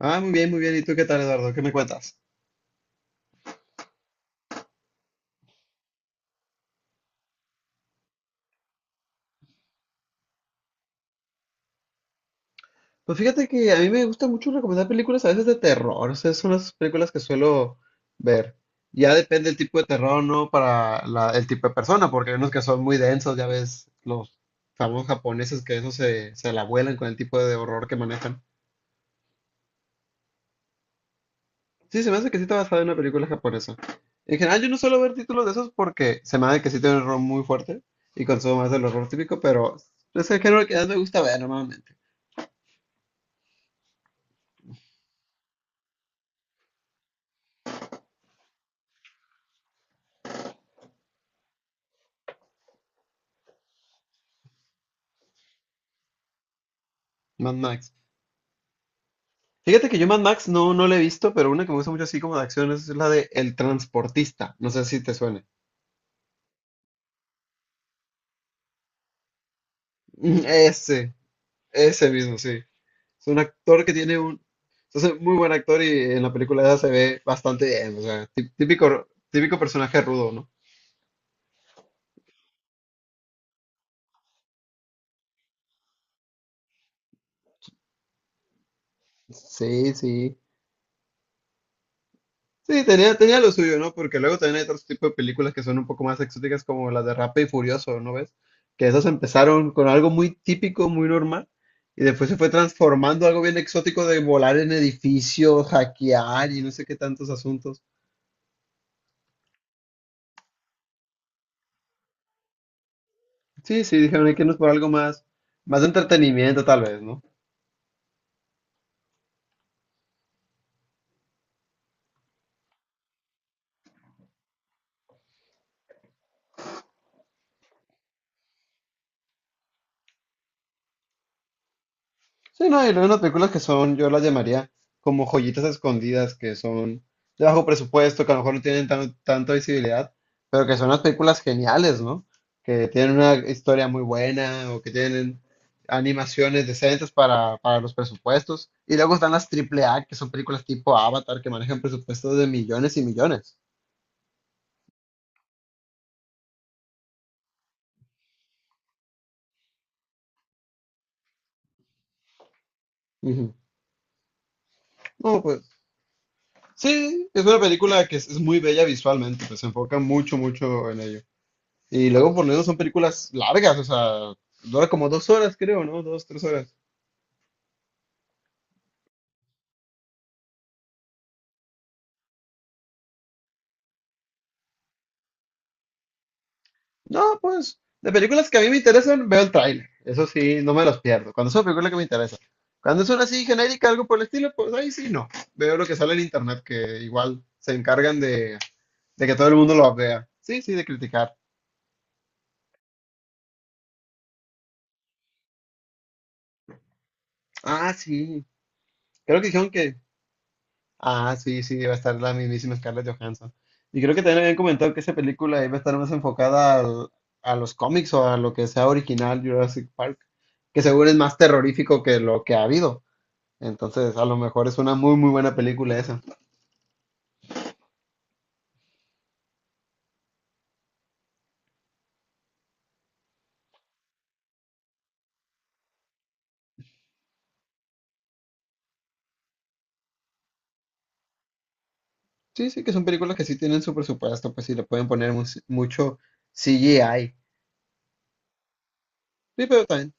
Ah, muy bien, muy bien. ¿Y tú qué tal, Eduardo? ¿Qué me cuentas? Pues fíjate que a mí me gusta mucho recomendar películas a veces de terror. O sea, son las películas que suelo ver. Ya depende el tipo de terror, ¿no? Para el tipo de persona, porque hay unos que son muy densos, ya ves, los famosos japoneses que eso se la vuelan con el tipo de horror que manejan. Sí, se me hace que sí está basada en una película japonesa. En general, yo no suelo ver títulos de esos porque se me hace que sí tiene un horror muy fuerte y consumo más del horror típico, pero es el género que más me gusta ver normalmente. Mad Max. Fíjate que yo Mad Max no la he visto, pero una que me gusta mucho así como de acción es la de El Transportista. No sé si te suene. Mm. Ese mismo, sí. Es un actor que tiene un. Es un muy buen actor y en la película se ve bastante bien. O sea, típico personaje rudo, ¿no? Sí, sí. Sí, tenía lo suyo, ¿no? Porque luego también hay otros tipos de películas que son un poco más exóticas, como las de Rápido y Furioso, ¿no ves? Que esas empezaron con algo muy típico, muy normal, y después se fue transformando a algo bien exótico de volar en edificios, hackear y no sé qué tantos asuntos. Sí, sí, dijeron, hay que irnos por algo más de entretenimiento, tal vez, ¿no? Sí, no, y luego unas películas que son, yo las llamaría como joyitas escondidas, que son de bajo presupuesto, que a lo mejor no tienen tanta visibilidad, pero que son unas películas geniales, ¿no? Que tienen una historia muy buena o que tienen animaciones decentes para los presupuestos. Y luego están las triple A, que son películas tipo Avatar, que manejan presupuestos de millones y millones. Ujú. No, pues sí, es una película que es muy bella visualmente, pues se enfoca mucho, mucho en ello. Y luego por lo menos son películas largas, o sea, dura como 2 horas, creo, ¿no? Dos, tres horas. No, pues, de películas que a mí me interesan, veo el tráiler. Eso sí, no me los pierdo. Cuando es una película que me interesa. Cuando es una así genérica, algo por el estilo, pues ahí sí no. Veo lo que sale en internet, que igual se encargan de que todo el mundo lo vea. Sí, sí, de criticar. Ah, sí. Creo que dijeron que. Ah, sí, sí, va a estar la mismísima Scarlett Johansson. Y creo que también habían comentado que esa película iba a estar más enfocada a los cómics o a lo que sea original Jurassic Park, que seguro es más terrorífico que lo que ha habido. Entonces, a lo mejor es una muy, muy buena película esa. Sí, sí, que son películas que sí tienen su presupuesto, pues sí le pueden poner mucho CGI. Sí, pero también.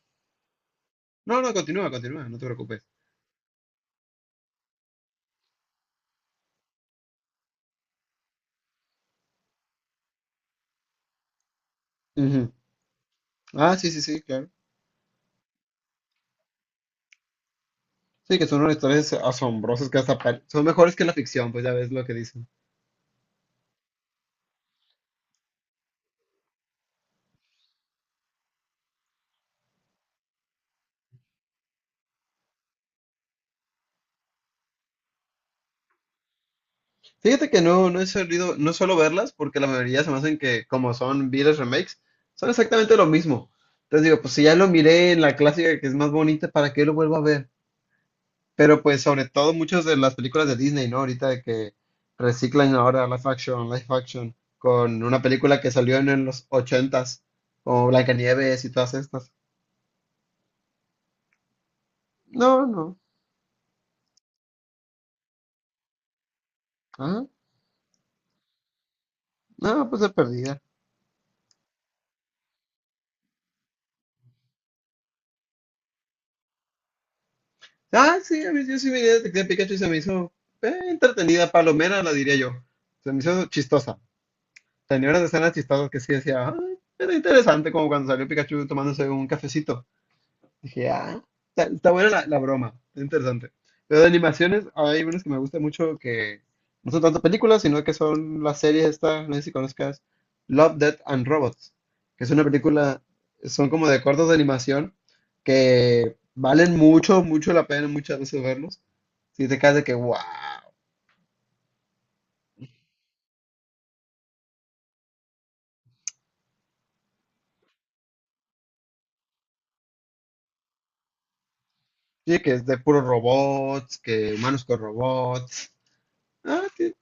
No, no, continúa, continúa, no te preocupes. Ujú. Ah, sí, sí, sí, claro. Sí, que son unas historias asombrosas que hasta son mejores que la ficción, pues ya ves lo que dicen. Fíjate que no he solido, no suelo verlas porque la mayoría se me hacen que como son viles remakes, son exactamente lo mismo. Entonces digo, pues si ya lo miré en la clásica que es más bonita, ¿para qué lo vuelvo a ver? Pero pues sobre todo muchas de las películas de Disney, ¿no? Ahorita de que reciclan ahora live action, con una película que salió en los 80, como Blancanieves y todas estas. No, no. Ah, no, pues de perdida. Ah, sí, a mí, yo sí vi Detective Pikachu y se me hizo entretenida, palomera, la diría yo. Se me hizo chistosa. Tenía unas escenas chistosas que sí decía, "Ah, era interesante como cuando salió Pikachu tomándose un cafecito. Dije, ah, está buena la broma, está interesante. Pero de animaciones, hay unas que me gustan mucho que no son tanto películas, sino que son las series esta, no sé si conozcas, Love, Death and Robots, que es una película, son como de cortos de animación que valen mucho, mucho la pena muchas veces verlos. Si te quedas de que, wow, sí, que es de puros robots, que humanos con robots. Ah, ti-.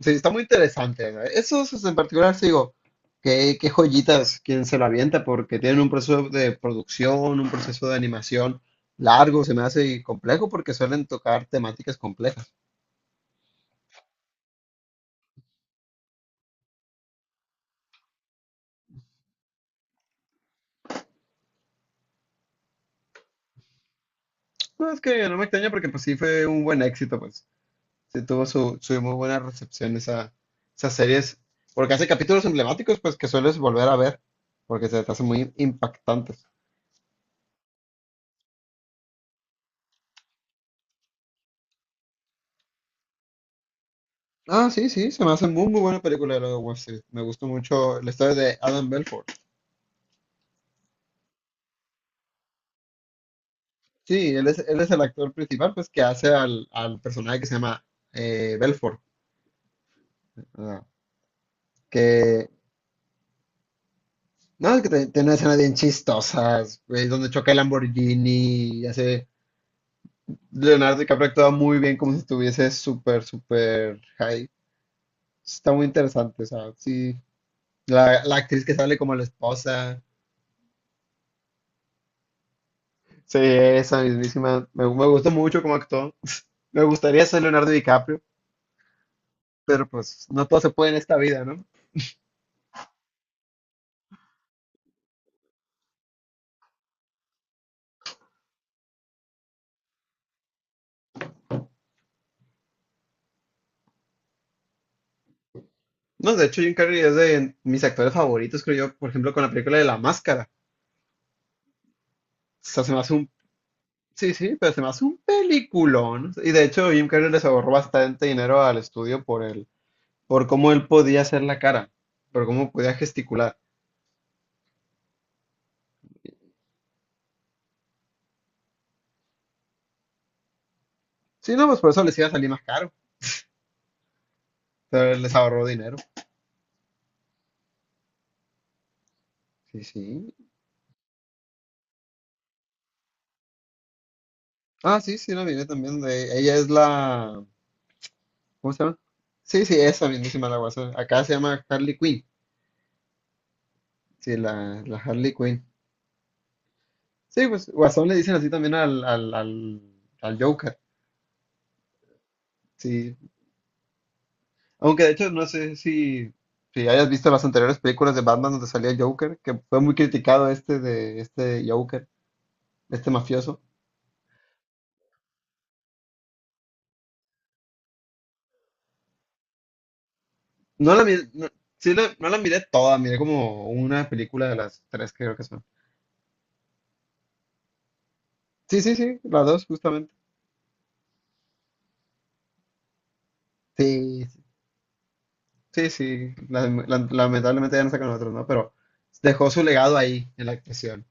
Sí, está muy interesante, ¿no? Esos en particular, sí digo, qué joyitas quien se lo avienta, porque tienen un proceso de producción, un proceso de animación largo, se me hace y complejo porque suelen tocar temáticas complejas. No, es que no me extraña porque pues sí fue un buen éxito, pues sí tuvo su muy buena recepción esas series, porque hace capítulos emblemáticos, pues que sueles volver a ver, porque se te hacen muy impactantes. Ah, sí, sí, se me hace muy, muy buena película de Lobo de Wall Street. Me gustó mucho la historia de Adam Belfort. Sí, él es el actor principal, pues, que hace al personaje que se llama Belfort. Ah, que, no, es que tiene escenas bien chistosas, güey, donde choca el Lamborghini y hace. Leonardo DiCaprio actúa muy bien como si estuviese súper, súper high. Está muy interesante, o sea, sí. La actriz que sale como la esposa. Sí, esa mismísima. Me gustó mucho cómo actuó. Me gustaría ser Leonardo DiCaprio, pero pues no todo se puede en esta vida, ¿no? No, de hecho, Jim Carrey es de mis actores favoritos, creo yo, por ejemplo, con la película de La Máscara. O sea, se me hace un. Sí, sí, pero se me hace un peliculón. Y de hecho, Jim Carrey les ahorró bastante dinero al estudio por cómo él podía hacer la cara, por cómo podía gesticular. Sí, no, pues por eso les iba a salir más caro, pero él les ahorró dinero. Sí, sí. Ah, sí, sí, la miré también de. Ella es la. ¿Cómo se llama? Sí, sí, esa mismísima la guasa. Acá se llama Harley Quinn. Sí, la Harley Quinn. Sí, pues Guasón le dicen así también al Joker. Sí. Aunque de hecho no sé si hayas visto las anteriores películas de Batman donde salía el Joker, que fue muy criticado este de este Joker, este mafioso. No la miré, no, no la miré toda, miré como una película de las tres que creo que son. Sí, sí, sí, las dos justamente. Sí, sí, sí. Lamentablemente ya no sacan otros, ¿no? Pero dejó su legado ahí en la actuación.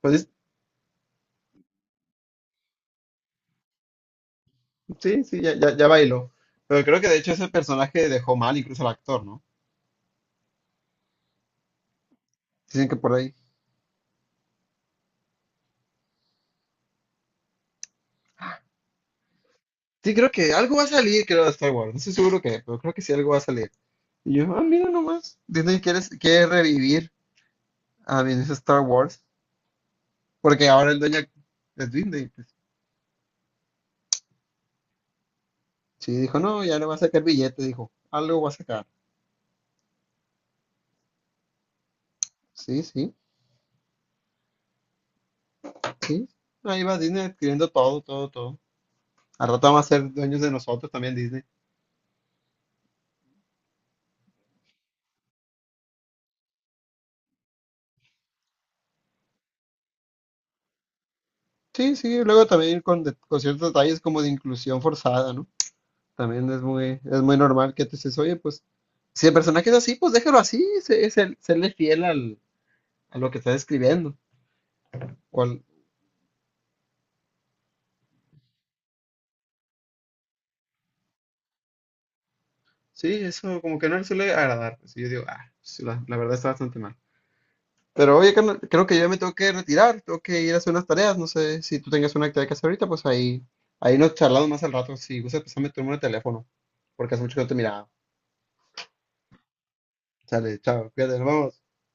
Pues sí, sí, ya, ya, ya bailó. Pero creo que de hecho ese personaje dejó mal incluso al actor, ¿no? Dicen que por ahí. Sí, creo que algo va a salir, creo, de Star Wars. No estoy seguro que, pero creo que sí algo va a salir. Y yo, ah, mira nomás. Disney quiere revivir a ese Star Wars. Porque ahora el dueño es Disney, pues. Sí, dijo, no, ya le va a sacar billete, dijo. Algo va a sacar. Sí, sí, sí. Ahí va Disney adquiriendo todo, todo, todo. Al rato van a ser dueños de nosotros también Disney. Sí, sí, luego también con, con ciertos detalles como de inclusión forzada, ¿no? También es muy normal que te dices, oye, pues, si el personaje es así, pues déjalo así, serle fiel a lo que está escribiendo. Cual-. Sí, eso como que no le suele agradar. Así yo digo, ah, pues, la verdad está bastante mal. Pero oye, carnal, creo que yo me tengo que retirar, tengo que ir a hacer unas tareas, no sé si tú tengas una actividad que hacer ahorita, pues ahí, nos charlamos más al rato, si gustas, pasame tu número de teléfono, porque hace mucho que no te miraba. Sale, chao, cuídate, nos vemos.